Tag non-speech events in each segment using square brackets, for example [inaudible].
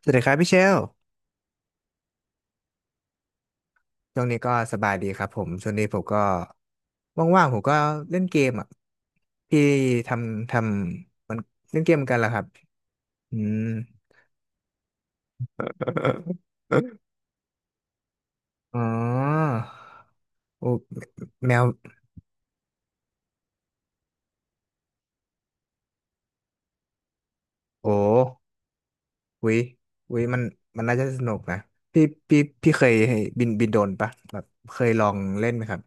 สวัสดีครับพี่เชลช่วงนี้ก็สบายดีครับผมช่วงนี้ผมก็ว่างๆผมก็เล่นเกมอ่ะพี่ทำมันเล่นเกมเหมือนกันเหรอครับอืมอ๋อโอ้แมวโอ้หุยหุยมันน่าจะสนุกนะพี่พี่เคยบินโดรนปะแบบเคยลองเล่นไหมครับ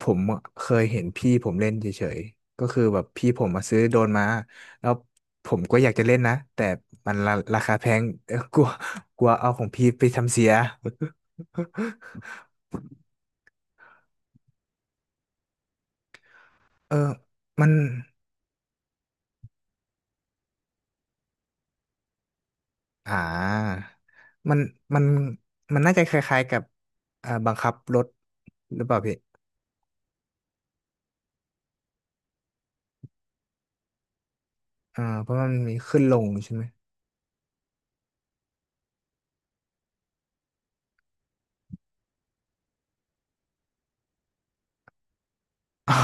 ผมเคยเห็นพี่ผมเล่นเฉยๆ ก็คือแบบพี่ผมมาซื้อโดรนมาแล้วผมก็อยากจะเล่นนะแต่มันราคาแพงเอ้อกลัวกลัวเอาของพี่ไปทำเสีย [laughs] เออมันอ่ามันมันน่าจะคล้ายๆกับบังคับรถหรือเปล่าพี่เพราะมันมีขึ้นลงใช่ไหมอ๋อ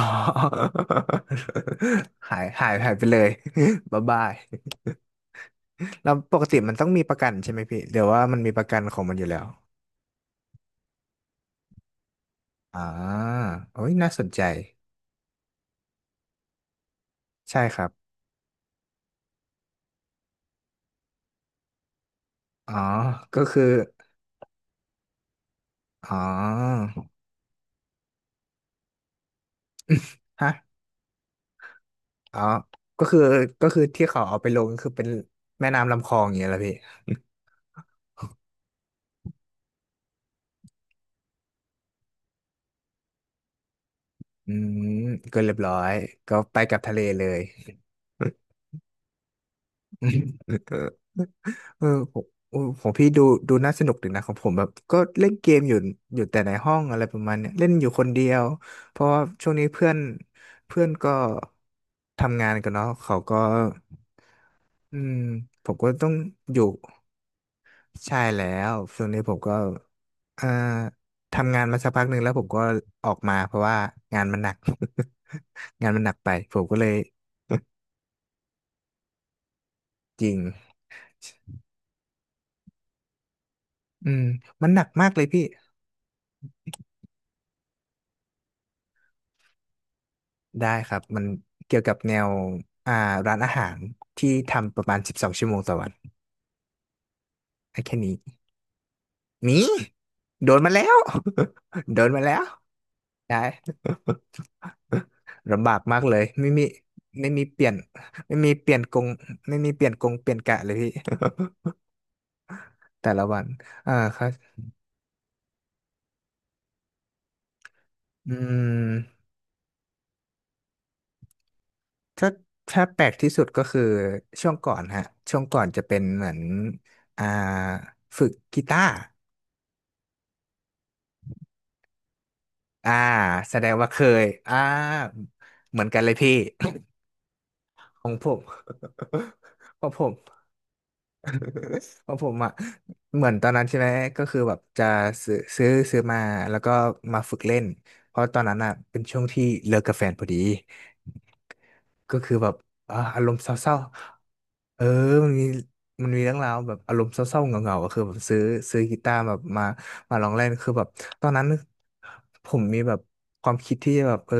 [laughs] หายหายหายไปเลย [laughs] บ๊ายบาย แล้วปกติมันต้องมีประกันใช่ไหมพี่เดี๋ยวว่ามันมีประกันของมันอยู่แล้วอ่าโอ้ยน่าสนใจใช่ครับอ๋อก็คืออ๋อฮะอ๋อก็คือก็คือที่เขาเอาไปลงก็คือเป็นแม่น้ำลำคลองอย่างเงี้ยละพี่ [laughs] อืมก็เรียบร้อยก็ไปกับทะเลเลย [laughs] เออผมเออของพี่ดูน่าสนุกดีนะของผมแบบก็เล่นเกมอยู่แต่ในห้องอะไรประมาณเนี้ยเล่นอยู่คนเดียวเพราะว่าช่วงนี้เพื่อนเพื่อนก็ทำงานกันเนาะเขาก็อืมผมก็ต้องอยู่ใช่แล้วช่วงนี้ผมก็เอ่อทำงานมาสักพักหนึ่งแล้วผมก็ออกมาเพราะว่างานมันหนัก [laughs] งานมันหนักไปผมก็เลยจริงอืมมันหนักมากเลยพี่ ได้ครับมันเกี่ยวกับแนวอ่าร้านอาหารที่ทำประมาณ12 ชั่วโมงต่อวันได้แค่นี้หนี่โดนมาแล้ว [laughs] โดนมาแล้วได้ [laughs] ลำบากมากเลยไม่มีเปลี่ยนไม่มีเปลี่ยนกงไม่มีเปลี่ยนกงเปลี่ยนกะเลยพี่ [laughs] แต่ละวันครับอืมถ้าถ้าแปลกที่สุดก็คือช่วงก่อนฮะช่วงก่อนจะเป็นเหมือนอ่าฝึกกีตาร์ อ่าแสดงว่าเคยเหมือนกันเลยพี่ [coughs] ของผม [laughs] เพราะผมเพราะผมอ่ะเหมือนตอนนั้นใช่ไหมก็คือแบบจะซื้อมาแล้วก็มาฝึกเล่นเพราะตอนนั้นอ่ะเป็นช่วงที่เลิกกับแฟนพอดี ก็คือแบบอารมณ์เศร้าๆเออมันมีมันมีเรื่องราวแบบอารมณ์เศร้าๆเหงาๆก็คือแบบซื้อกีตาร์แบบมาลองเล่นคือแบบตอนนั้นผมมีแบบความคิดที่จะแบบเออ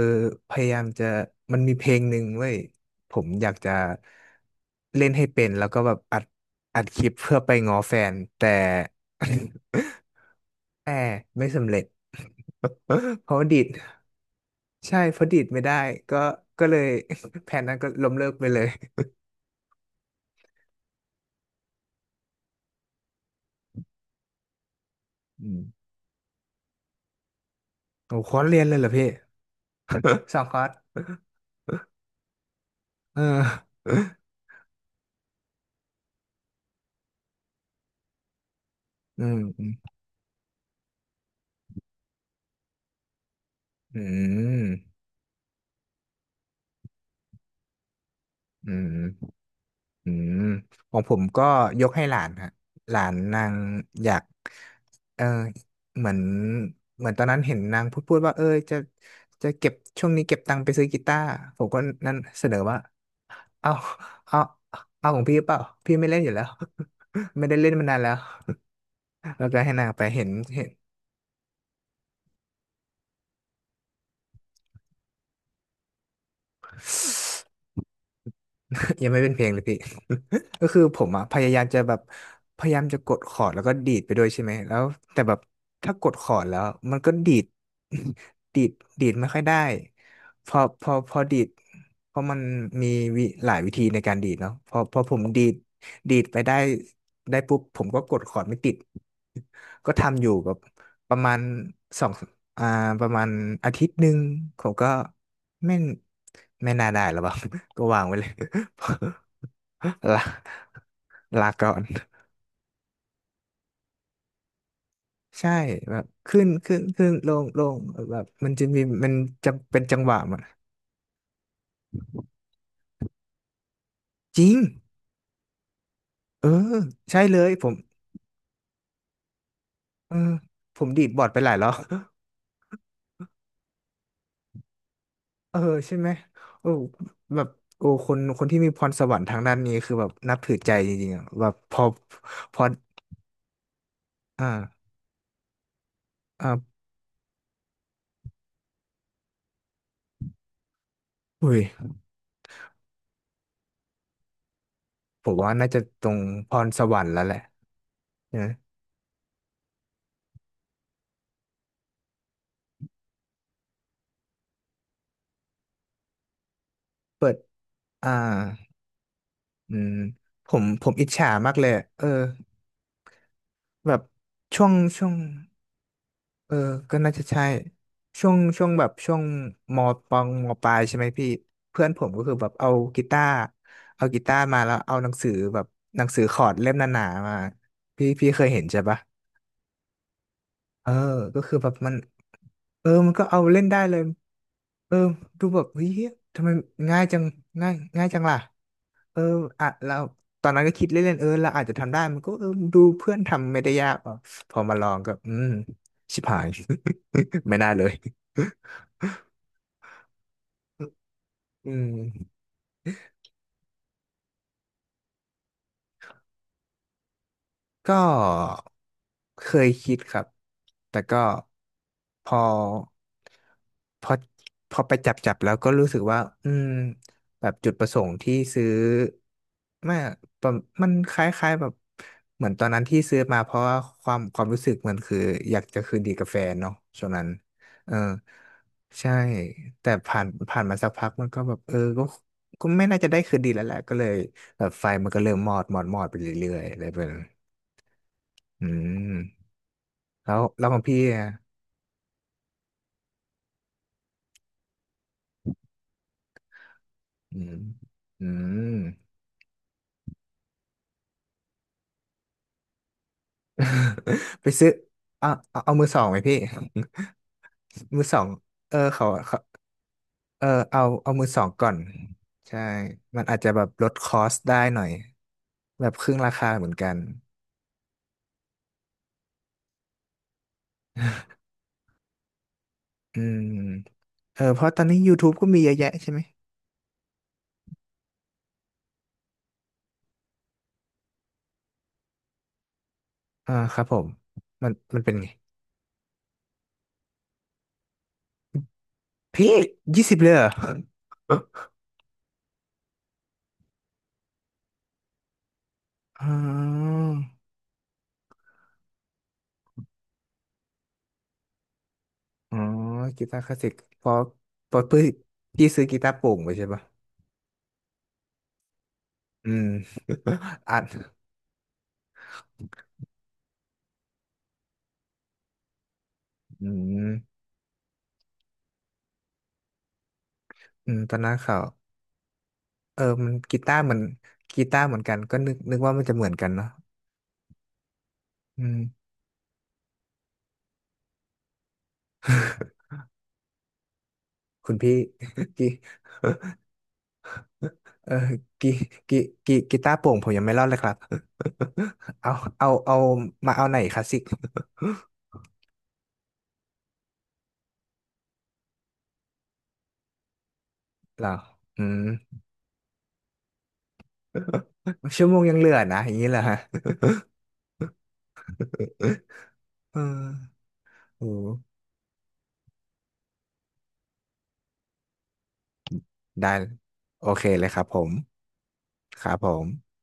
พยายามจะมันมีเพลงหนึ่งเว้ยผมอยากจะเล่นให้เป็นแล้วก็แบบอัดคลิปเพื่อไปง้อแฟนแต่ [coughs] [laughs] แต่ไม่สำเร็จ [laughs] เพราะว่าดีดใช่เพราะดีดไม่ได้ก็ก็เลย [coughs] [laughs] แผนนั้นก็ล้มเลิกไปเลย อืมโอ้คอร์สเรียนเลยเหรอพี่สองคอร์สเอออืมอืมอืมอืมของผมก็ยกให้หลานฮะหลานนางอยากเออเหมือนเหมือนตอนนั้นเห็นนางพูดว่าเออจะเก็บช่วงนี้เก็บตังค์ไปซื้อกีตาร์ผมก็นั่นเสนอว่าเอาเอาเอาของพี่เปล่าพี่ไม่เล่นอยู่แล้ว [laughs] ไม่ได้เล่นมานานแล้วแล้วก็ให้นางไปเห็น [laughs] ยังไม่เป็นเพลงเลยพี่ [laughs] ก็คือผมอะพยายามจะแบบพยายามจะกดคอร์ดแล้วก็ดีดไปด้วยใช่ไหมแล้วแต่แบบถ้ากดคอร์ดแล้วมันก็ดีด [laughs] ดีดดีดไม่ค่อยได้พอดีดเพราะมันมีหลายวิธีในการดีดเนาะพอผมดีดไปได้ได้ปุ๊บผมก็กดคอร์ดไม่ติด [laughs] ก็ทำอยู่แบบประมาณสองอ่าประมาณอาทิตย์หนึ่งผมก็ไม่ไม่น่าได้หรอเปล่า [laughs] ก็วางไว้เลย [laughs] ลาลาก่อน ใช่แบบขึ้นขึ้น ขึ้น ลง ลงแบบมันจะเป็นจังหวะมันจริง เออ ใช่เลย ผมเออผมดีดบอร์ดไปหลายรอบ [laughs] เออ ใช่ไหมโอ้แบบโอ้คนที่มีพรสวรรค์ทางด้านนี้ คือแบบนับถือใจจริงๆอะแบบพอ พอ อ่าอ่าอุ้ย ผมว่าน่าจะตรงพรสวรรค์แล้วแหละนะเปิดอ่าอืม ผมอิจฉามากเลย เออ แบบช่วงช่วงเออก็น่าจะใช่ช่วงช่วงแบบช่วงมมปลายใช่ไหมพี่เพื่อนผมก็คือแบบกีตาร์เอากีตาร์มาแล้วเอาหนังสือแบบหนังสือคอร์ดเล่มหนาๆมาพี่เคยเห็นใช่ปะ เออก็คือแบบมันก็เอาเล่นได้เลยเออดูแบบเฮ้ยทำไมง่ายจังง่ายง่ายจังล่ะเอออ่ะเราตอนนั้นก็คิดเล่นๆเออเราอาจจะทำได้ มันก็เออดูเพื่อนทำไม่ได้ยากอ่ะพอมาลองก็อืมชิบหาย [laughs] ไม่น่าเลยอืม ก็เคยคิดครับแต่ก็พอพอพอไปจับแล้วก็รู้สึกว่าอืมแบบจุดประสงค์ที่ซื้อไม่ประมันคล้ายๆแบบเหมือนตอนนั้นที่ซื้อมาเพราะว่าความรู้สึกมันคืออยากจะคืนดีกับแฟนเนาะช่วงนั้นเออ ใช่ แต่ผ่านมาสักพักมันก็แบบเออก็ไม่น่าจะได้คืนดีแล้วแหละก็เลยแบบไฟมันก็เริ่มมอดมอดมอดไปเรื่อยๆอะไรแบบนั้น อืมแล้วของพี่อะอืมอืม [laughs] ไปซื้อเอามือสองไหมพี่ [laughs] มือสองเออเขาเออเอามือสองก่อนใช่มันอาจจะแบบลดคอสได้หน่อยแบบครึ่งราคาเหมือนกันอืมเออเพราะตอนนี้ YouTube ก็มีเยอะแยะใช่ไหมอ่าครับผมมันเป็นไงพี่20เลยเหรอ [laughs] อ๋อ อ๋อกีตาร์คลาสสิกเพราะพี่ซื้อกีตาร์โปร่งไปใช่ปะอืม [laughs] อัดอืมอืมตอนนั้นเขาเออมันกีตาร์เหมือนกันก็นึกว่ามันจะเหมือนกันเนาะอืมคุณพี่ [laughs] กีเออกีกีกีกีตาร์โปร่งผมยังไม่รอดเลยครับ [laughs] เอาเอามาเอาไหนคลาสสิกเหรออืม [laughs] ชั่วโมงยังเหลือนะอย่างนี้เหรอฮะ [laughs] เออโอ้ได้โอเคเลยครับผม ครับผม